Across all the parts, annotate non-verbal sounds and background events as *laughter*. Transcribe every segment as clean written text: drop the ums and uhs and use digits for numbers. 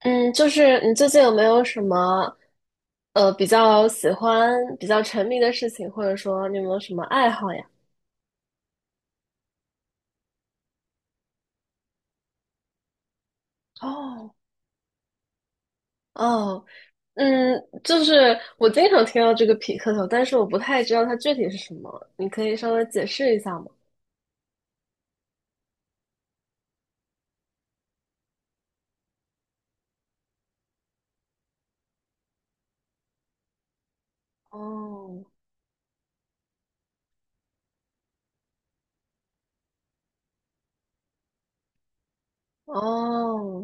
嗯，就是你最近有没有什么比较喜欢、比较沉迷的事情，或者说你有没有什么爱好呀？哦，哦，嗯，就是我经常听到这个匹克球，但是我不太知道它具体是什么，你可以稍微解释一下吗？哦，哦，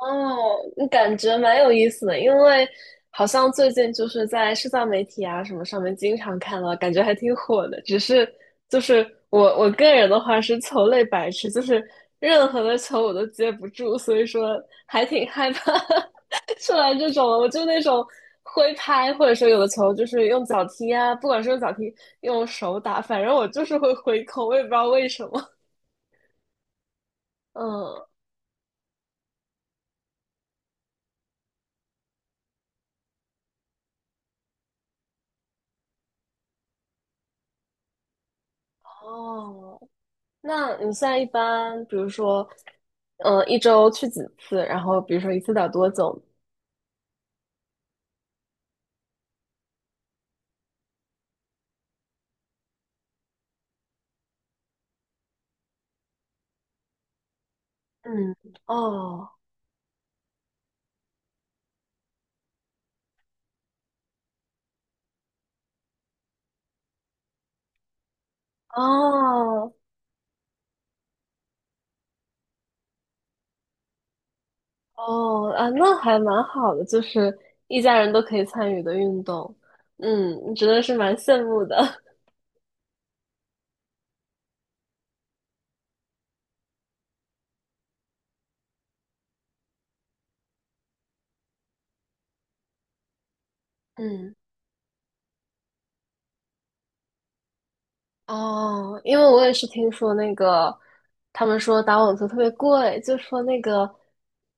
哦，感觉蛮有意思的，因为好像最近就是在社交媒体啊什么上面经常看到，感觉还挺火的。只是就是我个人的话是球类白痴，就是任何的球我都接不住，所以说还挺害怕 *laughs* 出来这种我就那种挥拍，或者说有的球就是用脚踢啊，不管是用脚踢用手打，反正我就是会挥空，我也不知道为什么。嗯，哦，那你现在一般，比如说，嗯、一周去几次？然后比如说一次打多久？嗯，哦，哦，哦，啊，那还蛮好的，就是一家人都可以参与的运动。嗯，真的是蛮羡慕的。*laughs* 嗯，哦，因为我也是听说那个，他们说打网球特别贵，就说那个，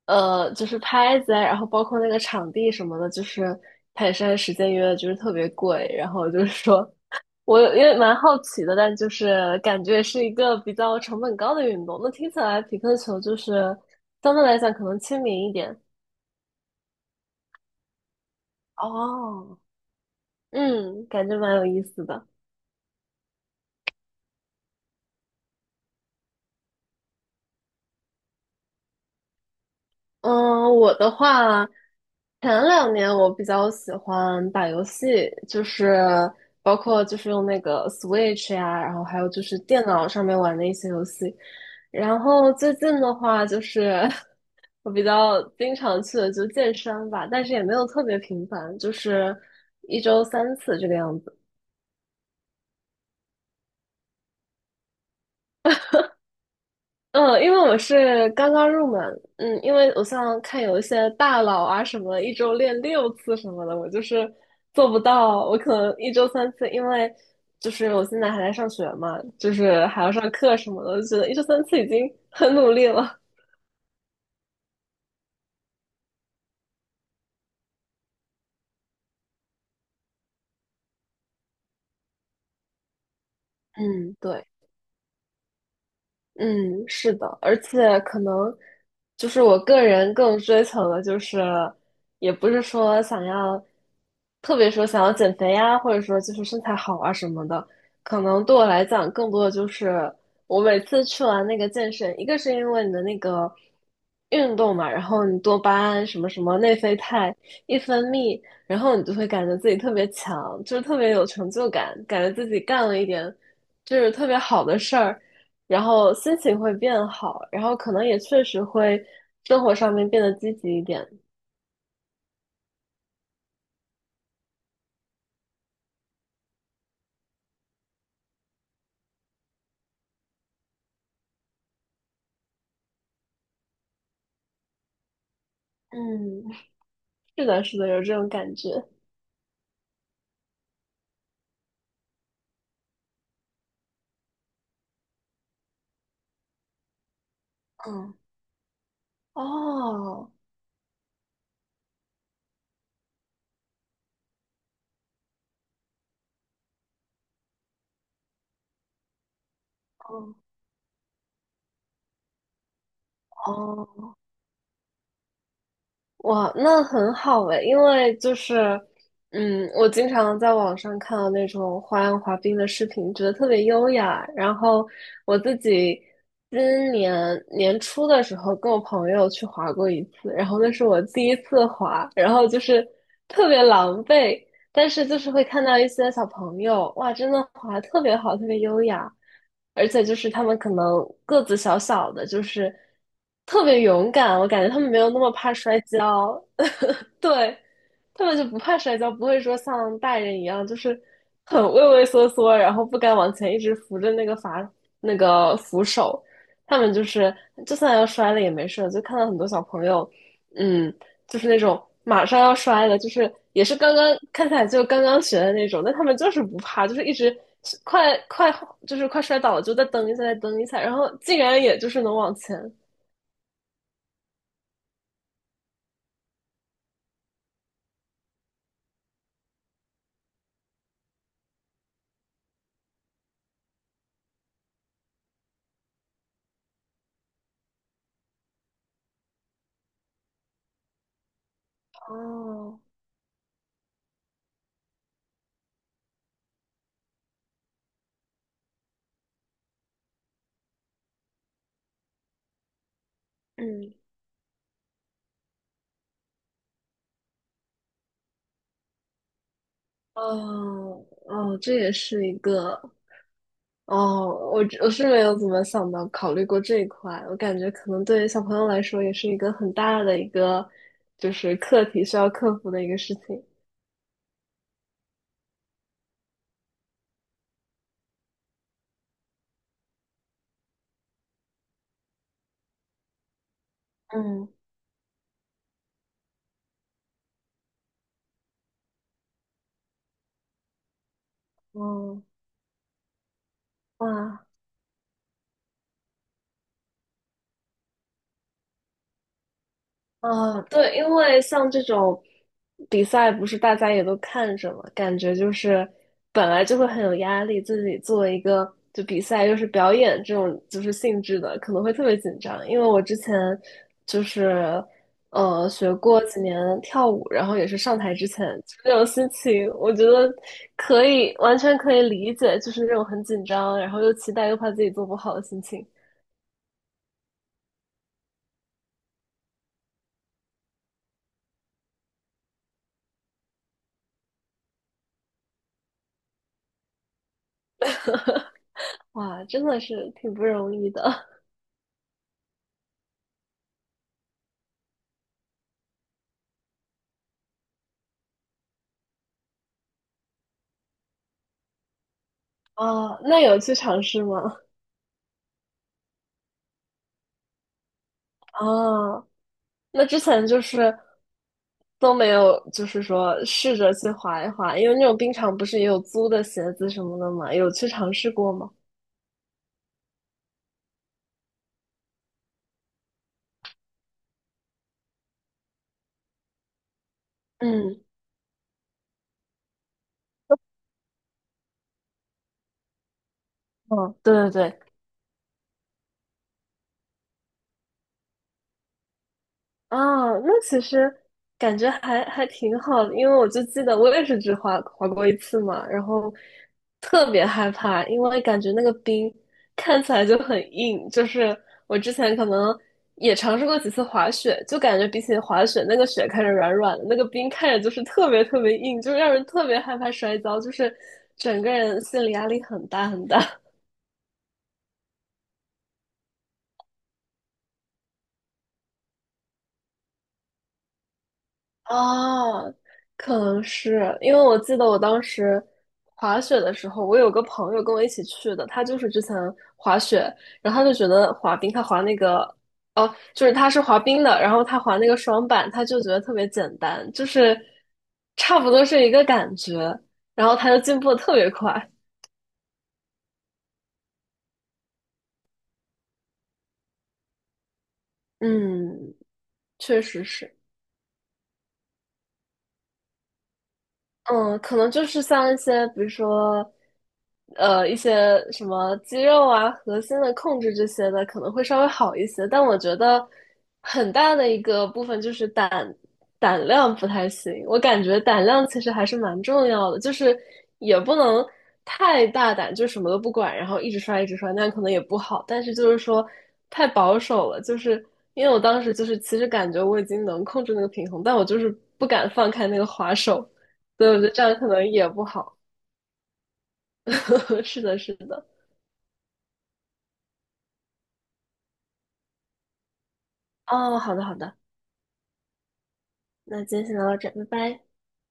就是拍子啊然后包括那个场地什么的，就是它也是按时间约的，就是特别贵。然后就是说，我也蛮好奇的，但就是感觉是一个比较成本高的运动。那听起来匹克球就是相对来讲可能亲民一点。哦，嗯，感觉蛮有意思的。嗯，我的话，前两年我比较喜欢打游戏，就是包括就是用那个 Switch 呀，然后还有就是电脑上面玩的一些游戏。然后最近的话，就是 *laughs* 我比较经常去的就健身吧，但是也没有特别频繁，就是一周三次这个样子。嗯，因为我是刚刚入门，嗯，因为我像看有一些大佬啊什么，一周练六次什么的，我就是做不到，我可能一周三次，因为就是我现在还在上学嘛，就是还要上课什么的，我就觉得一周三次已经很努力了。嗯。对，嗯，是的，而且可能就是我个人更追求的，就是也不是说想要，特别说想要减肥呀，或者说就是身材好啊什么的，可能对我来讲，更多的就是我每次去完那个健身，一个是因为你的那个运动嘛，然后你多巴胺什么什么内啡肽一分泌，然后你就会感觉自己特别强，就是特别有成就感，感觉自己干了一点就是特别好的事儿。然后心情会变好，然后可能也确实会生活上面变得积极一点。嗯，是的，是的，有这种感觉。嗯，哦，哦，哦，哇，那很好诶，因为就是，嗯，我经常在网上看到那种花样滑冰的视频，觉得特别优雅。然后我自己今年年初的时候跟我朋友去滑过一次，然后那是我第一次滑，然后就是特别狼狈，但是就是会看到一些小朋友，哇，真的滑得特别好，特别优雅。而且就是他们可能个子小小的，就是特别勇敢，我感觉他们没有那么怕摔跤，*laughs* 对，他们就不怕摔跤，不会说像大人一样，就是很畏畏缩缩，然后不敢往前，一直扶着那个阀那个扶手，他们就是就算要摔了也没事，就看到很多小朋友，嗯。就是那种马上要摔了，就是也是刚刚看起来就刚刚学的那种，但他们就是不怕，就是一直快快就是快摔倒了，就再蹬一下，再蹬一下，然后竟然也就是能往前。哦，嗯，哦，哦，这也是一个。哦，我是没有怎么想到考虑过这一块，我感觉可能对于小朋友来说也是一个很大的一个就是课题需要克服的一个事情。嗯，哦，哇。啊，对，因为像这种比赛，不是大家也都看着嘛，感觉就是本来就会很有压力，自己作为一个就比赛又是表演这种就是性质的，可能会特别紧张。因为我之前就是学过几年跳舞，然后也是上台之前就那种心情，我觉得可以完全可以理解，就是那种很紧张，然后又期待又怕自己做不好的心情。*laughs* 哇，真的是挺不容易的。哦，那有去尝试吗？哦，那之前就是都没有，就是说试着去滑一滑，因为那种冰场不是也有租的鞋子什么的嘛，有去尝试过吗？嗯，哦，对对对，啊，那其实感觉还挺好的，因为我就记得我也是只滑过一次嘛，然后特别害怕，因为感觉那个冰看起来就很硬，就是我之前可能也尝试过几次滑雪，就感觉比起滑雪，那个雪看着软软的，那个冰看着就是特别特别硬，就让人特别害怕摔跤，就是整个人心理压力很大很大。哦，可能是因为我记得我当时滑雪的时候，我有个朋友跟我一起去的，他就是之前滑雪，然后他就觉得滑冰，他滑那个，哦，就是他是滑冰的，然后他滑那个双板，他就觉得特别简单，就是差不多是一个感觉，然后他就进步的特别快。嗯，确实是。嗯，可能就是像一些，比如说，一些什么肌肉啊、核心的控制这些的，可能会稍微好一些。但我觉得很大的一个部分就是胆量不太行。我感觉胆量其实还是蛮重要的，就是也不能太大胆，就什么都不管，然后一直刷一直刷，那样可能也不好。但是就是说太保守了，就是因为我当时就是其实感觉我已经能控制那个平衡，但我就是不敢放开那个滑手。所以我觉得这样可能也不好。*laughs* 是的，是的。哦，好的，好的，那今天先聊到这，拜拜。